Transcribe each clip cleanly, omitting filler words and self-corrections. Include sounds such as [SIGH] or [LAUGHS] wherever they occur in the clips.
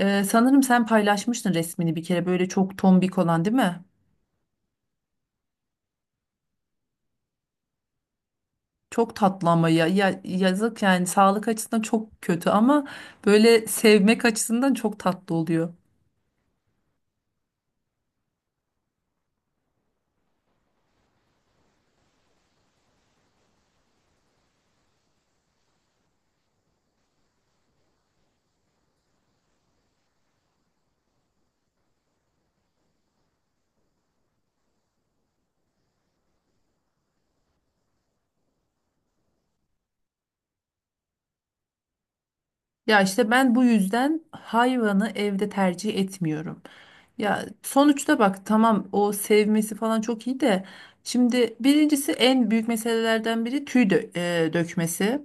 Sanırım sen paylaşmıştın resmini bir kere, böyle çok tombik olan, değil mi? Çok tatlı ama ya yazık, yani sağlık açısından çok kötü ama böyle sevmek açısından çok tatlı oluyor. Ya işte ben bu yüzden hayvanı evde tercih etmiyorum. Ya sonuçta bak, tamam, o sevmesi falan çok iyi de şimdi birincisi, en büyük meselelerden biri tüy dökmesi.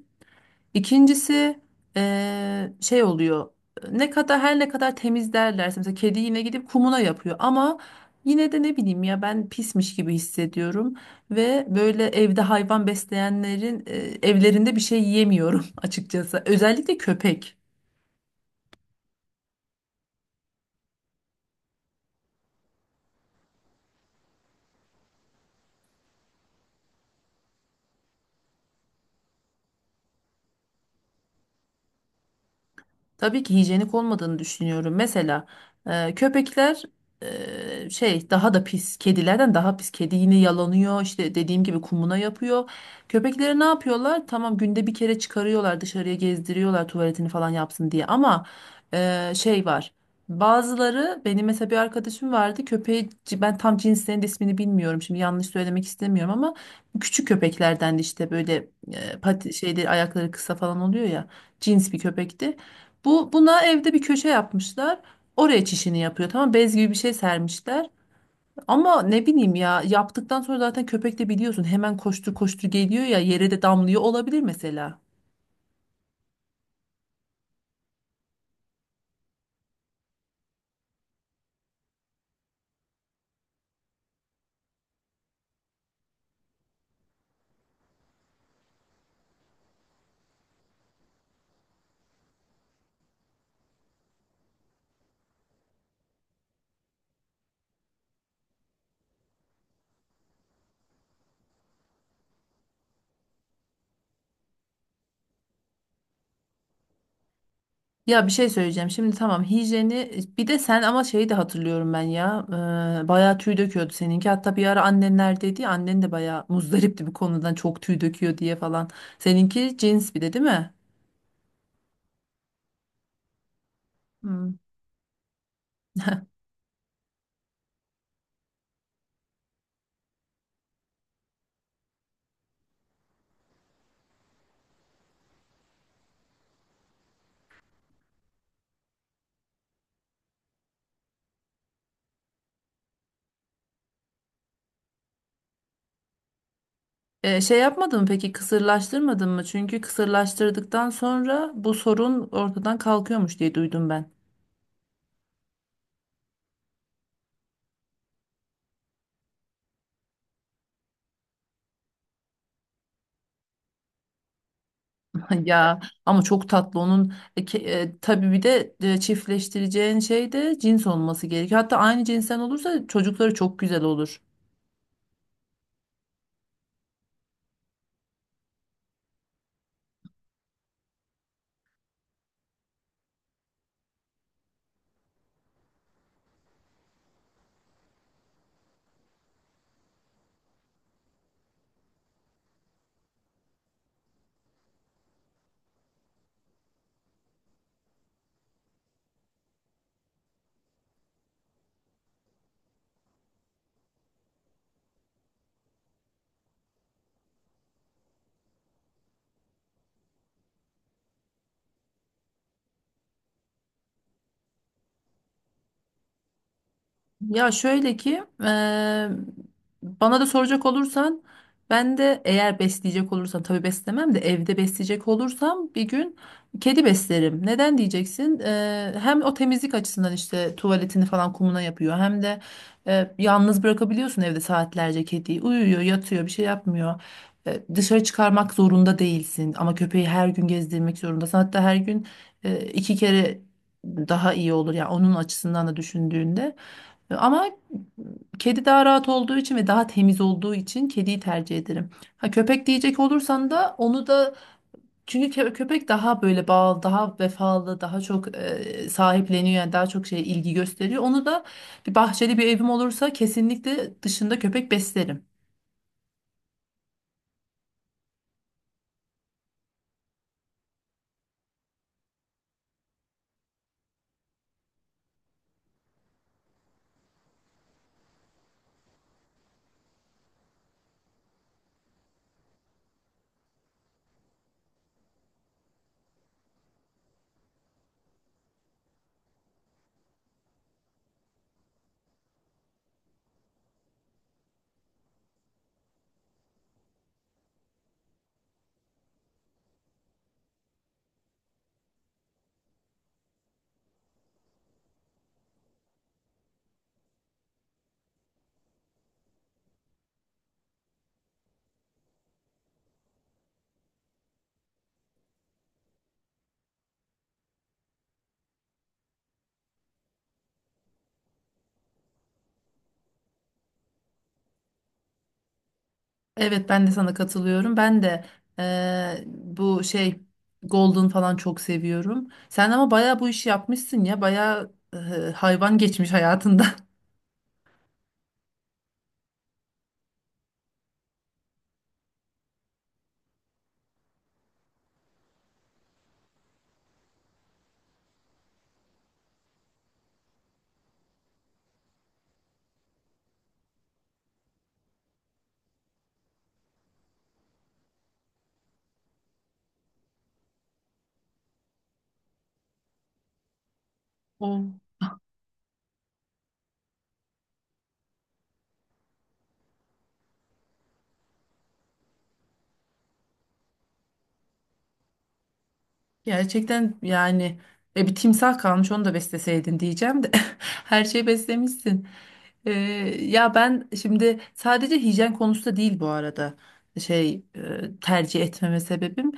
İkincisi şey oluyor. Ne kadar her ne kadar temiz derlerse mesela, kedi yine gidip kumuna yapıyor ama yine de ne bileyim ya, ben pismiş gibi hissediyorum ve böyle evde hayvan besleyenlerin evlerinde bir şey yiyemiyorum [LAUGHS] açıkçası. Özellikle köpek. Tabii ki hijyenik olmadığını düşünüyorum. Mesela köpekler şey, daha da pis. Kedilerden daha pis. Kedi yine yalanıyor. İşte dediğim gibi kumuna yapıyor. Köpekleri ne yapıyorlar? Tamam, günde bir kere çıkarıyorlar dışarıya, gezdiriyorlar tuvaletini falan yapsın diye. Ama şey var. Bazıları, benim mesela bir arkadaşım vardı, köpeği, ben tam cinslerinin de ismini bilmiyorum şimdi yanlış söylemek istemiyorum ama küçük köpeklerden, de işte böyle şeyleri, ayakları kısa falan oluyor ya, cins bir köpekti. Buna evde bir köşe yapmışlar. Oraya çişini yapıyor. Tamam, bez gibi bir şey sermişler. Ama ne bileyim ya, yaptıktan sonra zaten köpek de biliyorsun hemen koştur koştur geliyor ya, yere de damlıyor olabilir mesela. Ya bir şey söyleyeceğim. Şimdi tamam, hijyeni bir de sen, ama şeyi de hatırlıyorum ben ya. Bayağı tüy döküyordu seninki. Hatta bir ara annenler dedi ya, annen de bayağı muzdaripti bu konudan, çok tüy döküyor diye falan. Seninki cins, bir de değil mi? Hmm. Şey yapmadın mı peki, kısırlaştırmadın mı? Çünkü kısırlaştırdıktan sonra bu sorun ortadan kalkıyormuş diye duydum ben. [LAUGHS] Ya, ama çok tatlı onun tabii bir de çiftleştireceğin şey de cins olması gerekiyor. Hatta aynı cinsten olursa çocukları çok güzel olur. Ya şöyle ki, eee, bana da soracak olursan, ben de eğer besleyecek olursam, tabii beslemem de, evde besleyecek olursam, bir gün kedi beslerim. Neden diyeceksin? Hem o temizlik açısından, işte tuvaletini falan kumuna yapıyor, hem de yalnız bırakabiliyorsun evde saatlerce kediyi. Uyuyor, yatıyor, bir şey yapmıyor. Dışarı çıkarmak zorunda değilsin ama köpeği her gün gezdirmek zorundasın. Hatta her gün iki kere daha iyi olur ya, yani onun açısından da düşündüğünde. Ama kedi daha rahat olduğu için ve daha temiz olduğu için kediyi tercih ederim. Ha, köpek diyecek olursan da onu da, çünkü köpek daha böyle bağlı, daha vefalı, daha çok sahipleniyor, yani daha çok şey, ilgi gösteriyor. Onu da bahçeli bir evim olursa kesinlikle dışında köpek beslerim. Evet, ben de sana katılıyorum. Ben de bu şey Golden falan çok seviyorum. Sen ama bayağı bu işi yapmışsın ya. Bayağı hayvan geçmiş hayatında. [LAUGHS] Gerçekten yani, bir timsah kalmış, onu da besleseydin diyeceğim de [LAUGHS] her şeyi beslemişsin. Ee, Ya ben şimdi, sadece hijyen konusu da değil bu arada şey, tercih etmeme sebebim.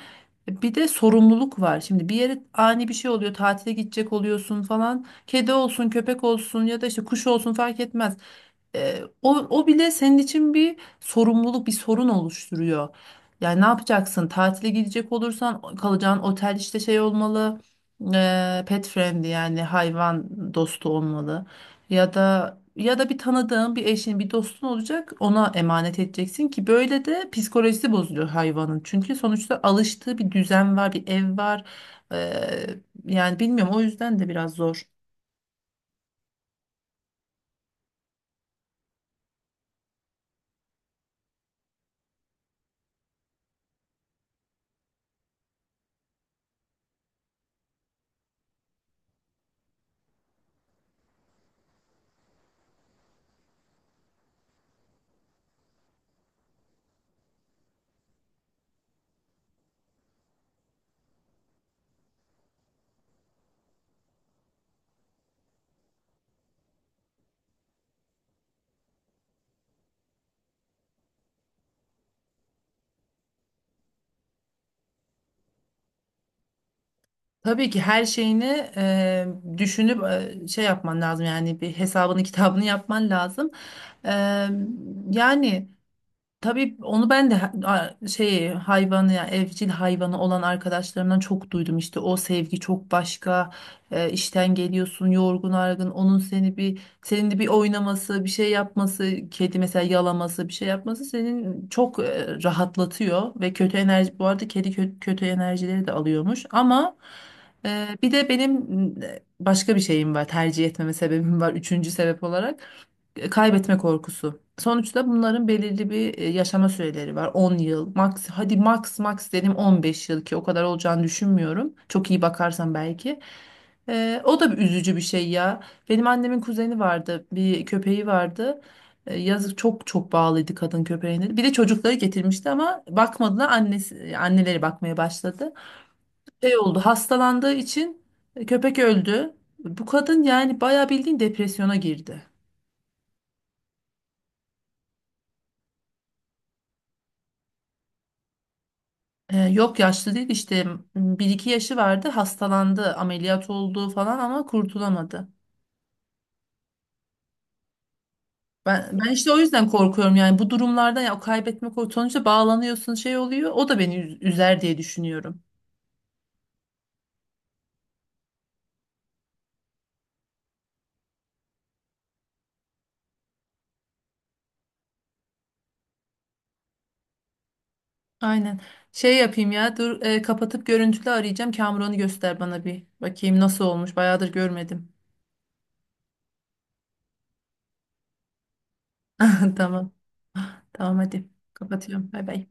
Bir de sorumluluk var. Şimdi bir yere ani bir şey oluyor, tatile gidecek oluyorsun falan. Kedi olsun, köpek olsun, ya da işte kuş olsun, fark etmez. O bile senin için bir sorumluluk, bir sorun oluşturuyor. Yani ne yapacaksın? Tatile gidecek olursan kalacağın otel işte şey olmalı, pet friendly, yani hayvan dostu olmalı. Ya da bir tanıdığın, bir eşin, bir dostun olacak. Ona emanet edeceksin ki böyle de psikolojisi bozuluyor hayvanın. Çünkü sonuçta alıştığı bir düzen var, bir ev var. E, Yani bilmiyorum, o yüzden de biraz zor. Tabii ki her şeyini düşünüp, şey yapman lazım, yani bir hesabını kitabını yapman lazım. Eee, Yani. Tabii onu ben de şey, hayvanı ya evcil hayvanı olan arkadaşlarımdan çok duydum, işte o sevgi çok başka, işten geliyorsun yorgun argın, onun seni bir, senin de bir oynaması, bir şey yapması, kedi mesela yalaması, bir şey yapması senin çok rahatlatıyor ve kötü enerji, bu arada kedi kötü enerjileri de alıyormuş ama bir de benim başka bir şeyim var, tercih etmeme sebebim var, üçüncü sebep olarak kaybetme korkusu. Sonuçta bunların belirli bir yaşama süreleri var. 10 yıl max, hadi max dedim 15 yıl, ki o kadar olacağını düşünmüyorum. Çok iyi bakarsan belki. O da bir üzücü bir şey ya. Benim annemin kuzeni vardı, bir köpeği vardı. Yazık, çok çok bağlıydı kadın köpeğine. Bir de çocukları getirmişti ama bakmadılar. Anneleri bakmaya başladı. Şey oldu, hastalandığı için köpek öldü. Bu kadın yani bayağı bildiğin depresyona girdi. Yok, yaşlı değil işte, bir iki yaşı vardı, hastalandı, ameliyat oldu falan ama kurtulamadı. Ben işte o yüzden korkuyorum yani, bu durumlardan, ya o kaybetme korkusu, sonuçta bağlanıyorsun, şey oluyor, o da beni üzer diye düşünüyorum. Aynen, şey yapayım ya, dur, kapatıp görüntülü arayacağım, Kamuran'ı göster bana bir bakayım nasıl olmuş, bayağıdır görmedim. [LAUGHS] Tamam, tamam, hadi, kapatıyorum. Bay bay.